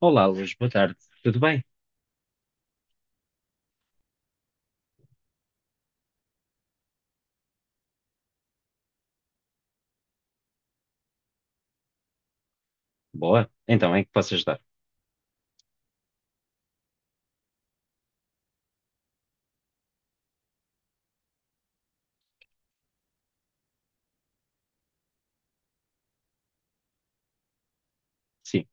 Olá, Luz, boa tarde. Tudo bem? Boa. Então, em que posso ajudar? Sim.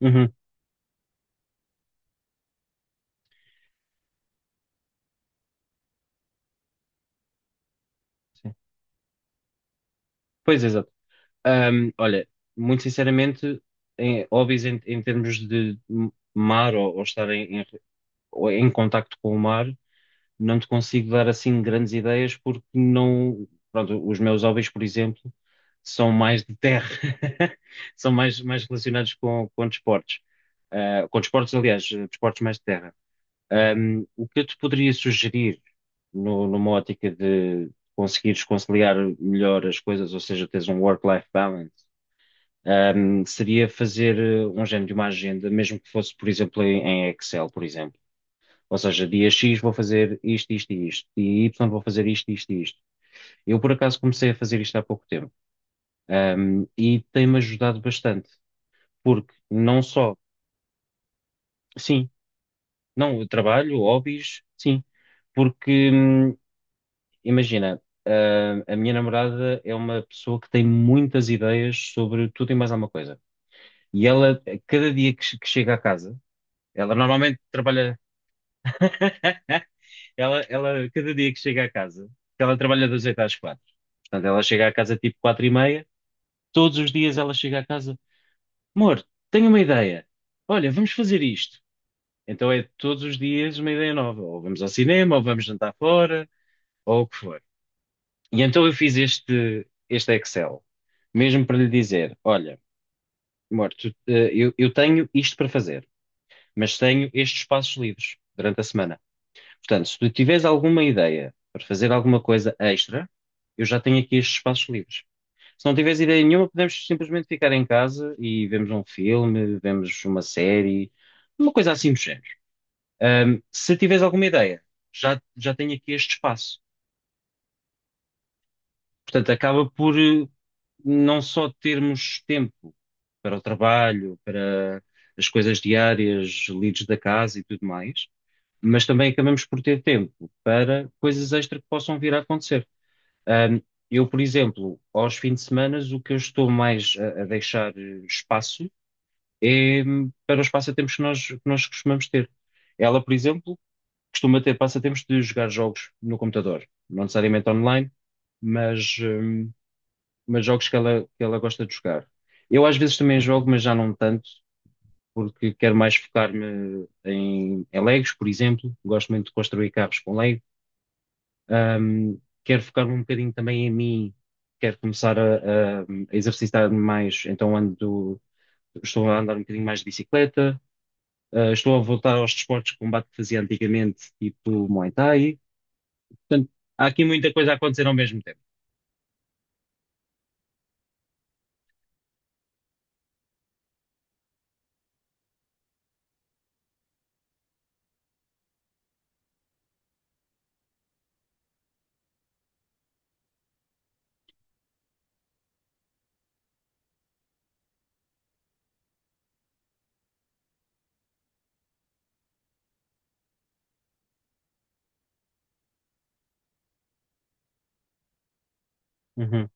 Uhum, sim. Pois, exato. Olha, muito sinceramente, hobbies em termos de mar ou estar ou em contacto com o mar, não te consigo dar assim grandes ideias porque não. Pronto, os meus hobbies, por exemplo, são mais de terra, são mais relacionados com desportos. Ah, com desportos, aliás, desportos mais de terra. O que eu te poderia sugerir numa ótica de conseguires conciliar melhor as coisas, ou seja, teres um work-life balance, seria fazer um género de uma agenda, mesmo que fosse, por exemplo, em Excel, por exemplo. Ou seja, dia X vou fazer isto, isto e isto, e Y vou fazer isto, isto e isto. Eu, por acaso, comecei a fazer isto há pouco tempo, e tem-me ajudado bastante, porque não só, sim, não, eu trabalho, hobbies, sim, porque imagina, a minha namorada é uma pessoa que tem muitas ideias sobre tudo e mais alguma coisa. E ela, a cada dia que chega à casa, ela normalmente trabalha. Cada dia que chega à casa, que ela trabalha das 8 às 4. Portanto, ela chega à casa tipo 4 e meia. Todos os dias ela chega à casa, amor, tenho uma ideia. Olha, vamos fazer isto. Então é todos os dias uma ideia nova. Ou vamos ao cinema, ou vamos jantar fora, ou o que for. E então eu fiz este Excel, mesmo para lhe dizer: olha, amor, eu tenho isto para fazer, mas tenho estes espaços livres durante a semana. Portanto, se tu tiveres alguma ideia para fazer alguma coisa extra, eu já tenho aqui estes espaços livres. Se não tiveres ideia nenhuma, podemos simplesmente ficar em casa e vemos um filme, vemos uma série, uma coisa assim do género. Se tiveres alguma ideia, já tenho aqui este espaço. Portanto, acaba por não só termos tempo para o trabalho, para as coisas diárias, lides da casa e tudo mais, mas também acabamos por ter tempo para coisas extra que possam vir a acontecer. Ahm, eu, por exemplo, aos fins de semana, o que eu estou mais a deixar espaço é para os passatempos que que nós costumamos ter. Ela, por exemplo, costuma ter passatempos de jogar jogos no computador, não necessariamente online, mas. hum, mas jogos que que ela gosta de jogar. Eu às vezes também jogo, mas já não tanto, porque quero mais focar-me em Legos, por exemplo. Gosto muito de construir carros com Lego. Ahm, Quero focar-me um bocadinho também em mim, quero começar a exercitar-me mais, então estou a andar um bocadinho mais de bicicleta. Ah, estou a voltar aos desportos de combate que fazia antigamente, tipo Muay Thai. Portanto, há aqui muita coisa a acontecer ao mesmo tempo. Uhum,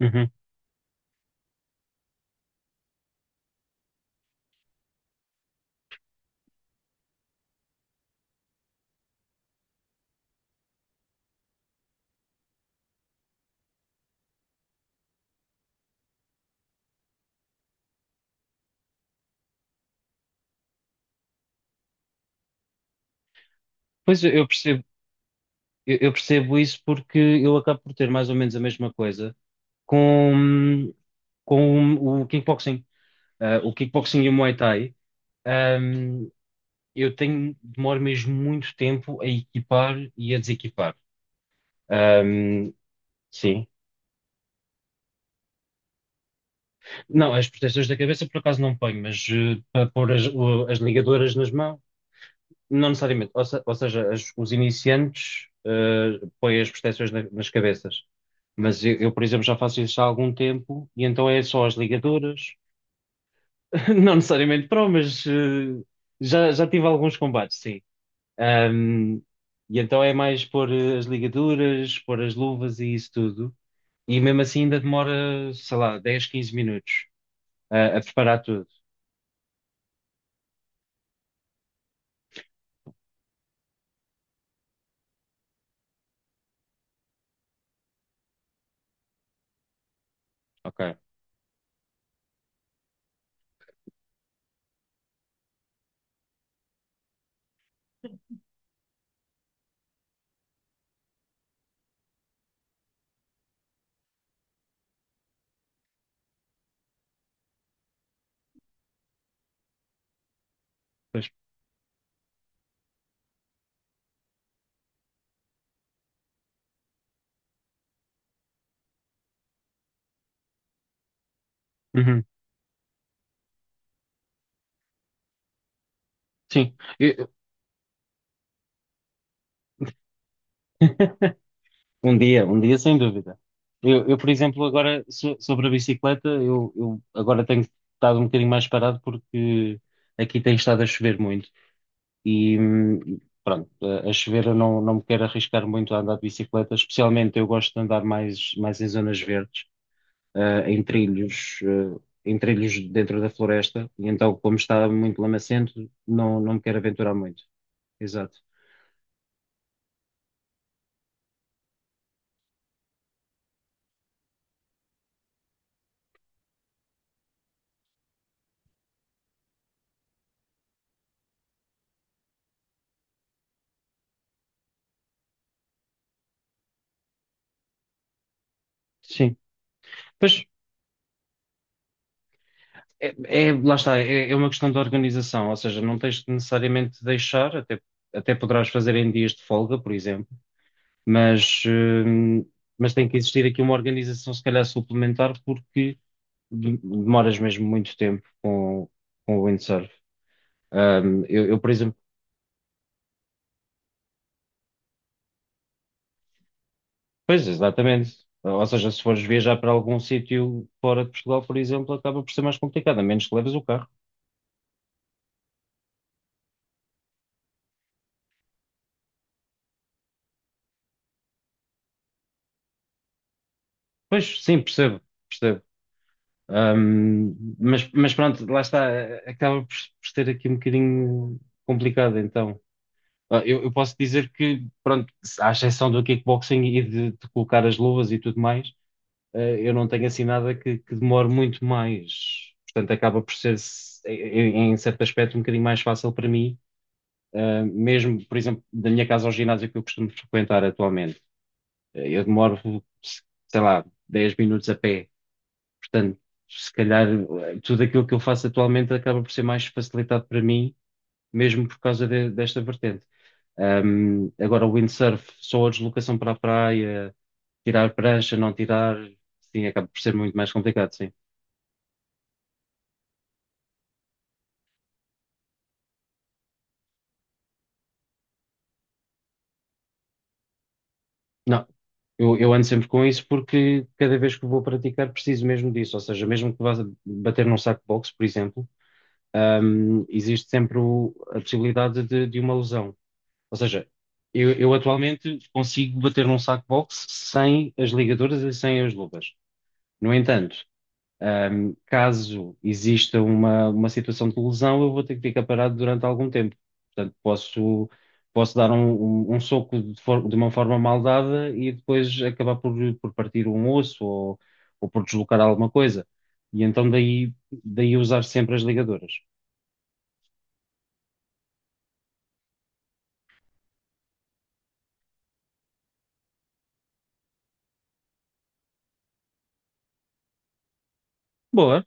uhum. Pois eu percebo. Eu percebo isso porque eu acabo por ter mais ou menos a mesma coisa com, com o kickboxing. Ah, o kickboxing e o Muay Thai, ahm, eu tenho, demoro mesmo muito tempo a equipar e a desequipar. Ahm, sim. Não, as proteções da cabeça por acaso não ponho, mas para pôr as ligadoras nas mãos. Não necessariamente. Ou, se- Ou seja, os iniciantes põem as proteções nas cabeças. Mas eu, por exemplo, já faço isso há algum tempo e então é só as ligaduras. Não necessariamente pró, mas já tive alguns combates, sim. Um, e então é mais pôr as ligaduras, pôr as luvas e isso tudo. E mesmo assim ainda demora, sei lá, 10, 15 minutos a preparar tudo. Ok. Pois. Uhum. Sim. Um dia sem dúvida. Eu, por exemplo, agora sobre a bicicleta, eu agora tenho estado um bocadinho mais parado porque aqui tem estado a chover muito e pronto, a chover eu não me quero arriscar muito a andar de bicicleta, especialmente eu gosto de andar mais em zonas verdes, em trilhos, em trilhos dentro da floresta, e então como está muito lamacento, não me quero aventurar muito. Exato. Sim, pois é, lá está, é uma questão de organização, ou seja, não tens de necessariamente de deixar, até, até poderás fazer em dias de folga, por exemplo, mas, hum, mas tem que existir aqui uma organização, se calhar suplementar, porque demoras mesmo muito tempo com o windsurf. Eu, por exemplo, pois, exatamente. Ou seja, se fores viajar para algum sítio fora de Portugal, por exemplo, acaba por ser mais complicado, a menos que leves o carro. Pois, sim, percebo, percebo. Mas pronto, lá está, acaba por ser aqui um bocadinho complicado, então. Ah, eu posso dizer que, pronto, à exceção do kickboxing e de colocar as luvas e tudo mais, eu não tenho assim nada que demore muito mais. Portanto, acaba por ser, em certo aspecto, um bocadinho mais fácil para mim. Mesmo, por exemplo, da minha casa ao ginásio que eu costumo frequentar atualmente, eu demoro, sei lá, 10 minutos a pé. Portanto, se calhar tudo aquilo que eu faço atualmente acaba por ser mais facilitado para mim, mesmo por causa desta vertente. Agora, o windsurf, só a deslocação para a praia, tirar prancha, não tirar, sim, acaba por ser muito mais complicado, sim. Não, eu ando sempre com isso porque cada vez que vou praticar preciso mesmo disso. Ou seja, mesmo que vá bater num saco de boxe, por exemplo, existe sempre a possibilidade de uma lesão. Ou seja, eu atualmente consigo bater num saco box sem as ligaduras e sem as luvas. No entanto, caso exista uma situação de lesão, eu vou ter que ficar parado durante algum tempo. Portanto, posso, posso dar um soco de uma forma mal dada e depois acabar por partir um osso ou por deslocar alguma coisa. E então daí, daí usar sempre as ligaduras. Boa,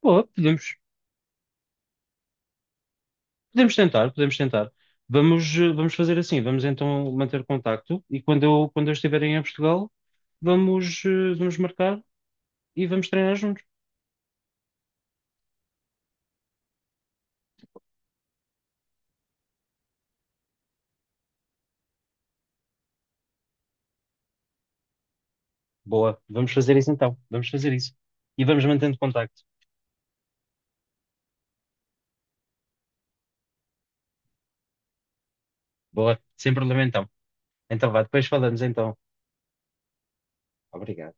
boa, podemos, podemos tentar, podemos tentar. Vamos, vamos fazer assim, vamos então manter contacto e quando quando eu estiver em Portugal, vamos, vamos marcar e vamos treinar juntos. Boa, vamos fazer isso então, vamos fazer isso. E vamos mantendo contacto. Boa, sem problema então. Então vá, depois falamos então. Obrigado.